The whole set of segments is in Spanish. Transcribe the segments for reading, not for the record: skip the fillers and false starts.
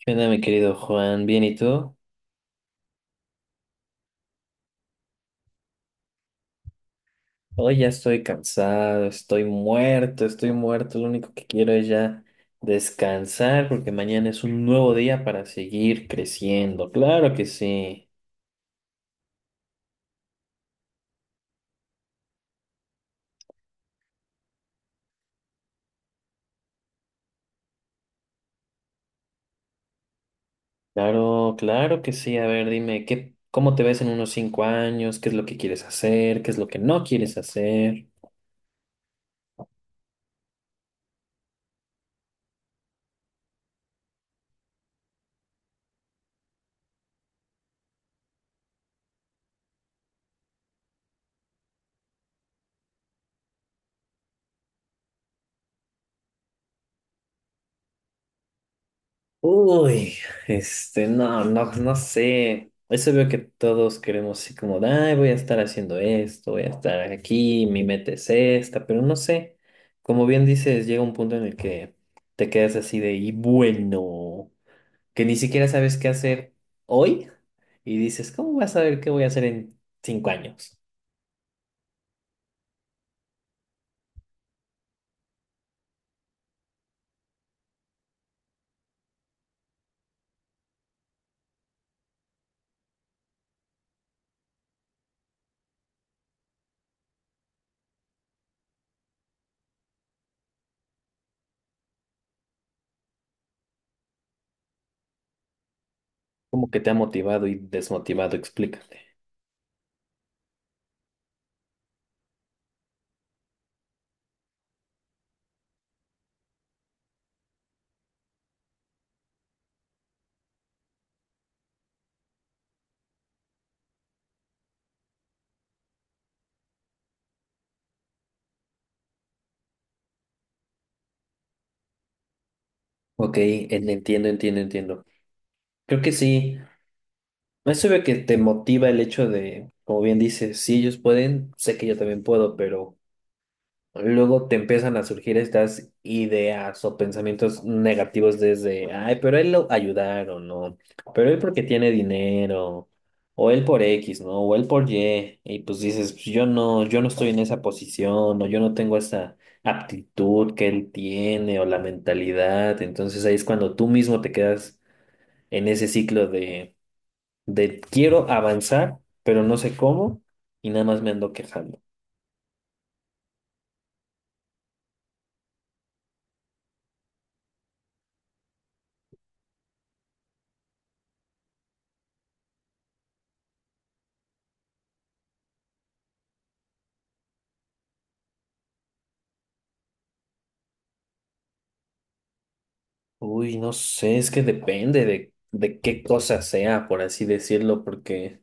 ¿Qué onda, mi querido Juan? ¿Bien y tú? Hoy ya estoy cansado, estoy muerto, estoy muerto. Lo único que quiero es ya descansar porque mañana es un nuevo día para seguir creciendo. Claro que sí. Claro, claro que sí. A ver, dime, ¿cómo te ves en unos 5 años? ¿Qué es lo que quieres hacer? ¿Qué es lo que no quieres hacer? Uy, no, no, no sé. Eso veo que todos queremos así como, de, ay, voy a estar haciendo esto, voy a estar aquí, mi meta es esta, pero no sé. Como bien dices, llega un punto en el que te quedas así de, y bueno, que ni siquiera sabes qué hacer hoy y dices, ¿cómo vas a saber qué voy a hacer en 5 años? Como que te ha motivado y desmotivado, explícate. Ok, entiendo, entiendo, entiendo. Creo que sí. Eso veo que te motiva el hecho de, como bien dices, si ellos pueden, sé que yo también puedo, pero luego te empiezan a surgir estas ideas o pensamientos negativos desde, ay, pero él lo ayudaron, ¿no? Pero él porque tiene dinero, o él por X, ¿no? O él por Y, y pues dices, "Pues yo no, yo no estoy en esa posición, o yo no tengo esa aptitud que él tiene, o la mentalidad, entonces ahí es cuando tú mismo te quedas en ese ciclo de quiero avanzar, pero no sé cómo y nada más me ando quejando. Uy, no sé, es que depende de qué cosa sea, por así decirlo, porque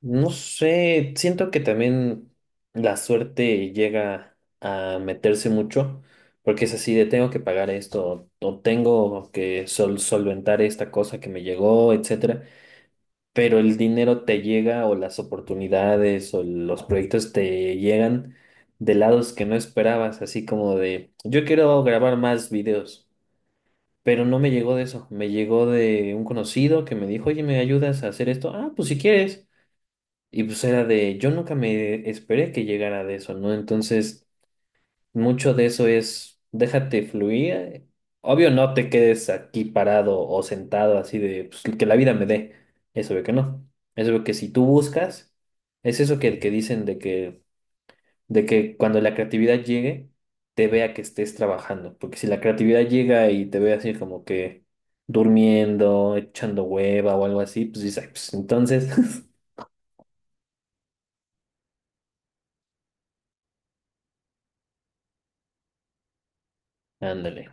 no sé, siento que también la suerte llega a meterse mucho, porque es así de tengo que pagar esto o tengo que solventar esta cosa que me llegó, etcétera. Pero el dinero te llega o las oportunidades o los proyectos te llegan de lados que no esperabas, así como de, yo quiero grabar más videos, pero no me llegó de eso, me llegó de un conocido que me dijo, oye, ¿me ayudas a hacer esto? Ah, pues si quieres. Y pues era de, yo nunca me esperé que llegara de eso, ¿no? Entonces mucho de eso es, déjate fluir. Obvio, no te quedes aquí parado o sentado así de pues, que la vida me dé. Eso veo que no. Eso veo que si tú buscas, es eso que dicen de que cuando la creatividad llegue, te vea que estés trabajando. Porque si la creatividad llega y te ve así como que durmiendo, echando hueva o algo así, pues dices, "Ay, pues entonces, ándale.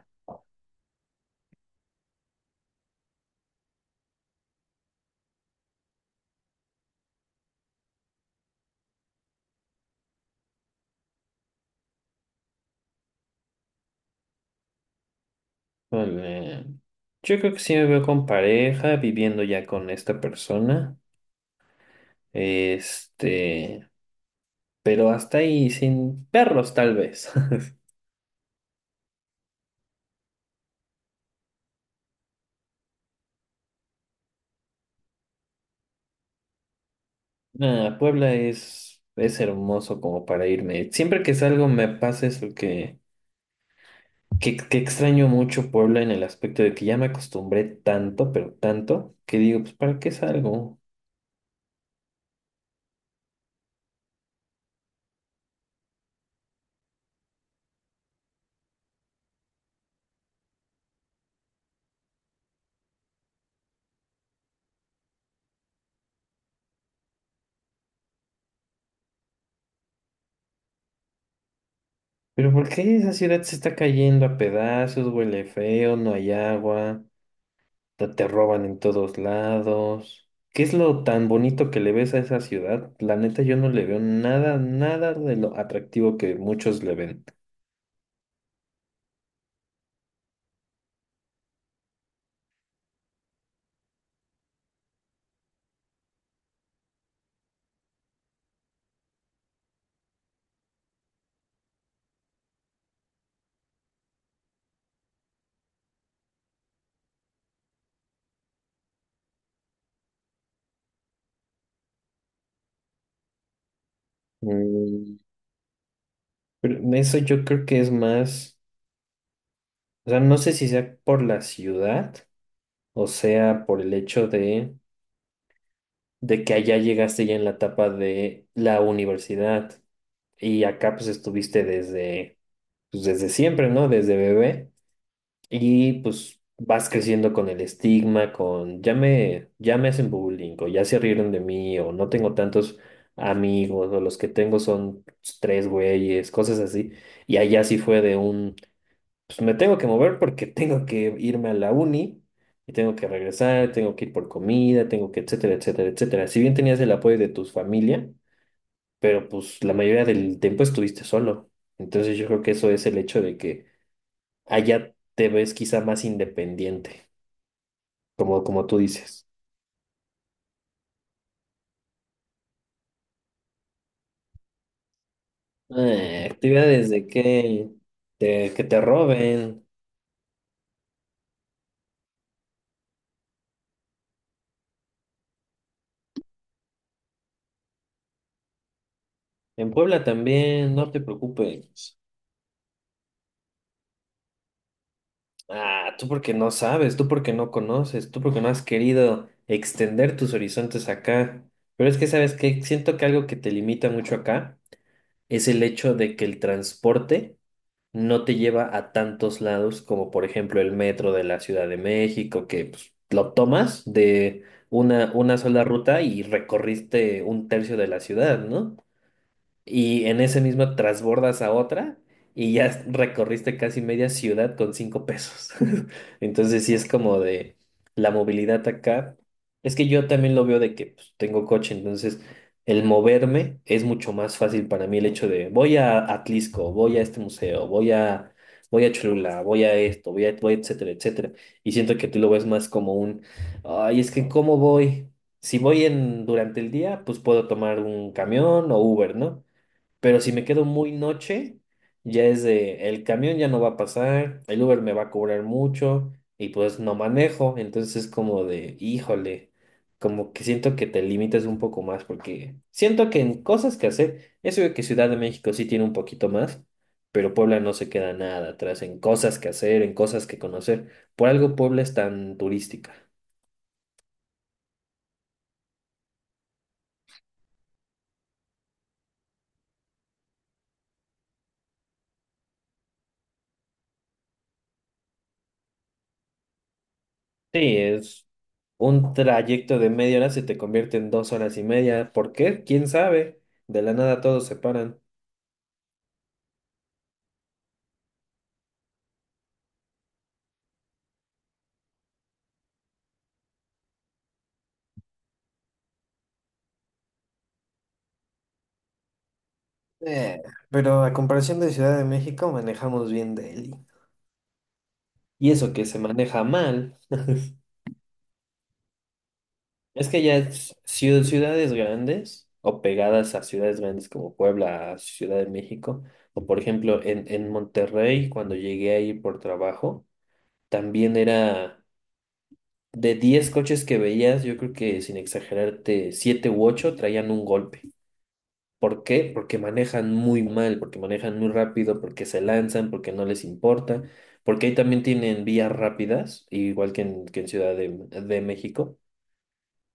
Vale. Yo creo que sí me veo con pareja, viviendo ya con esta persona. Este, pero hasta ahí, sin perros tal vez. Nah, Puebla es hermoso como para irme. Siempre que salgo me pasa eso que extraño mucho Puebla en el aspecto de que ya me acostumbré tanto, pero tanto, que digo, pues ¿para qué salgo? Pero ¿por qué esa ciudad se está cayendo a pedazos, huele feo, no hay agua? Te roban en todos lados. ¿Qué es lo tan bonito que le ves a esa ciudad? La neta, yo no le veo nada, nada de lo atractivo que muchos le ven. Mm, pero eso yo creo que es más, o sea, no sé si sea por la ciudad o sea por el hecho de que allá llegaste ya en la etapa de la universidad y acá pues estuviste desde, pues, desde siempre, ¿no? Desde bebé. Y pues vas creciendo con el estigma, con ya me hacen bullying, o ya se rieron de mí, o no tengo tantos amigos, o los que tengo son pues, tres güeyes, cosas así. Y allá sí fue de un, pues me tengo que mover porque tengo que irme a la uni, y tengo que regresar, tengo que ir por comida, tengo que, etcétera, etcétera, etcétera. Si bien tenías el apoyo de tu familia, pero pues la mayoría del tiempo estuviste solo. Entonces yo creo que eso es el hecho de que allá te ves quizá más independiente, como tú dices. Actividades de que que te roben. En Puebla también, no te preocupes. Ah, tú porque no sabes, tú porque no conoces, tú porque no has querido extender tus horizontes acá. Pero es que, ¿sabes qué? Siento que algo que te limita mucho acá es el hecho de que el transporte no te lleva a tantos lados como por ejemplo el metro de la Ciudad de México, que pues, lo tomas de una sola ruta y recorriste un tercio de la ciudad, ¿no? Y en ese mismo transbordas a otra y recorriste casi media ciudad con 5 pesos. Entonces sí es como de la movilidad acá. Es que yo también lo veo de que pues, tengo coche, entonces el moverme es mucho más fácil para mí el hecho de voy a Atlisco, voy a este museo, voy a Cholula, voy a esto, voy a etcétera, etcétera. Y siento que tú lo ves más como un, ay, es que ¿cómo voy? Si voy en durante el día, pues puedo tomar un camión o Uber, ¿no? Pero si me quedo muy noche, ya es de, el camión ya no va a pasar, el Uber me va a cobrar mucho y pues no manejo. Entonces es como de, híjole, como que siento que te limitas un poco más porque siento que en cosas que hacer, eso de que Ciudad de México sí tiene un poquito más, pero Puebla no se queda nada atrás en cosas que hacer, en cosas que conocer. Por algo Puebla es tan turística. Sí, es. Un trayecto de 1/2 hora se te convierte en 2 horas y media. ¿Por qué? ¿Quién sabe? De la nada todos se paran. Eh, pero a comparación de Ciudad de México, manejamos bien Delhi. Y eso que se maneja mal, es que ya es ciudades grandes o pegadas a ciudades grandes como Puebla, Ciudad de México, o por ejemplo en Monterrey, cuando llegué ahí por trabajo, también era de 10 coches que veías, yo creo que sin exagerarte, 7 u 8 traían un golpe. ¿Por qué? Porque manejan muy mal, porque manejan muy rápido, porque se lanzan, porque no les importa, porque ahí también tienen vías rápidas, igual que que en Ciudad de México,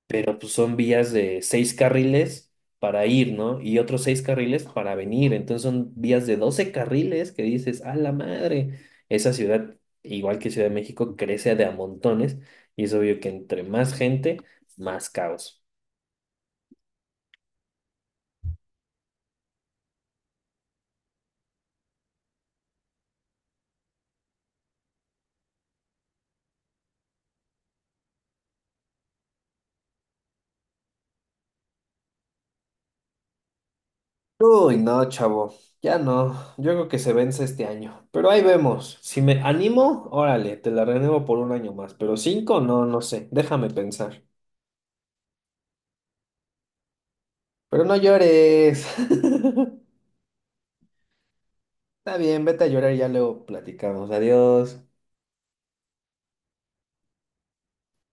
pero pues son vías de 6 carriles para ir, ¿no? Y otros 6 carriles para venir, entonces son vías de 12 carriles que dices, ¡a la madre! Esa ciudad, igual que Ciudad de México, crece de a montones y es obvio que entre más gente, más caos. Uy, no, chavo, ya no. Yo creo que se vence este año. Pero ahí vemos. Si me animo, órale, te la renuevo por un año más. Pero cinco, no, no sé. Déjame pensar. Pero no llores. Está bien, vete a llorar y ya luego platicamos. Adiós.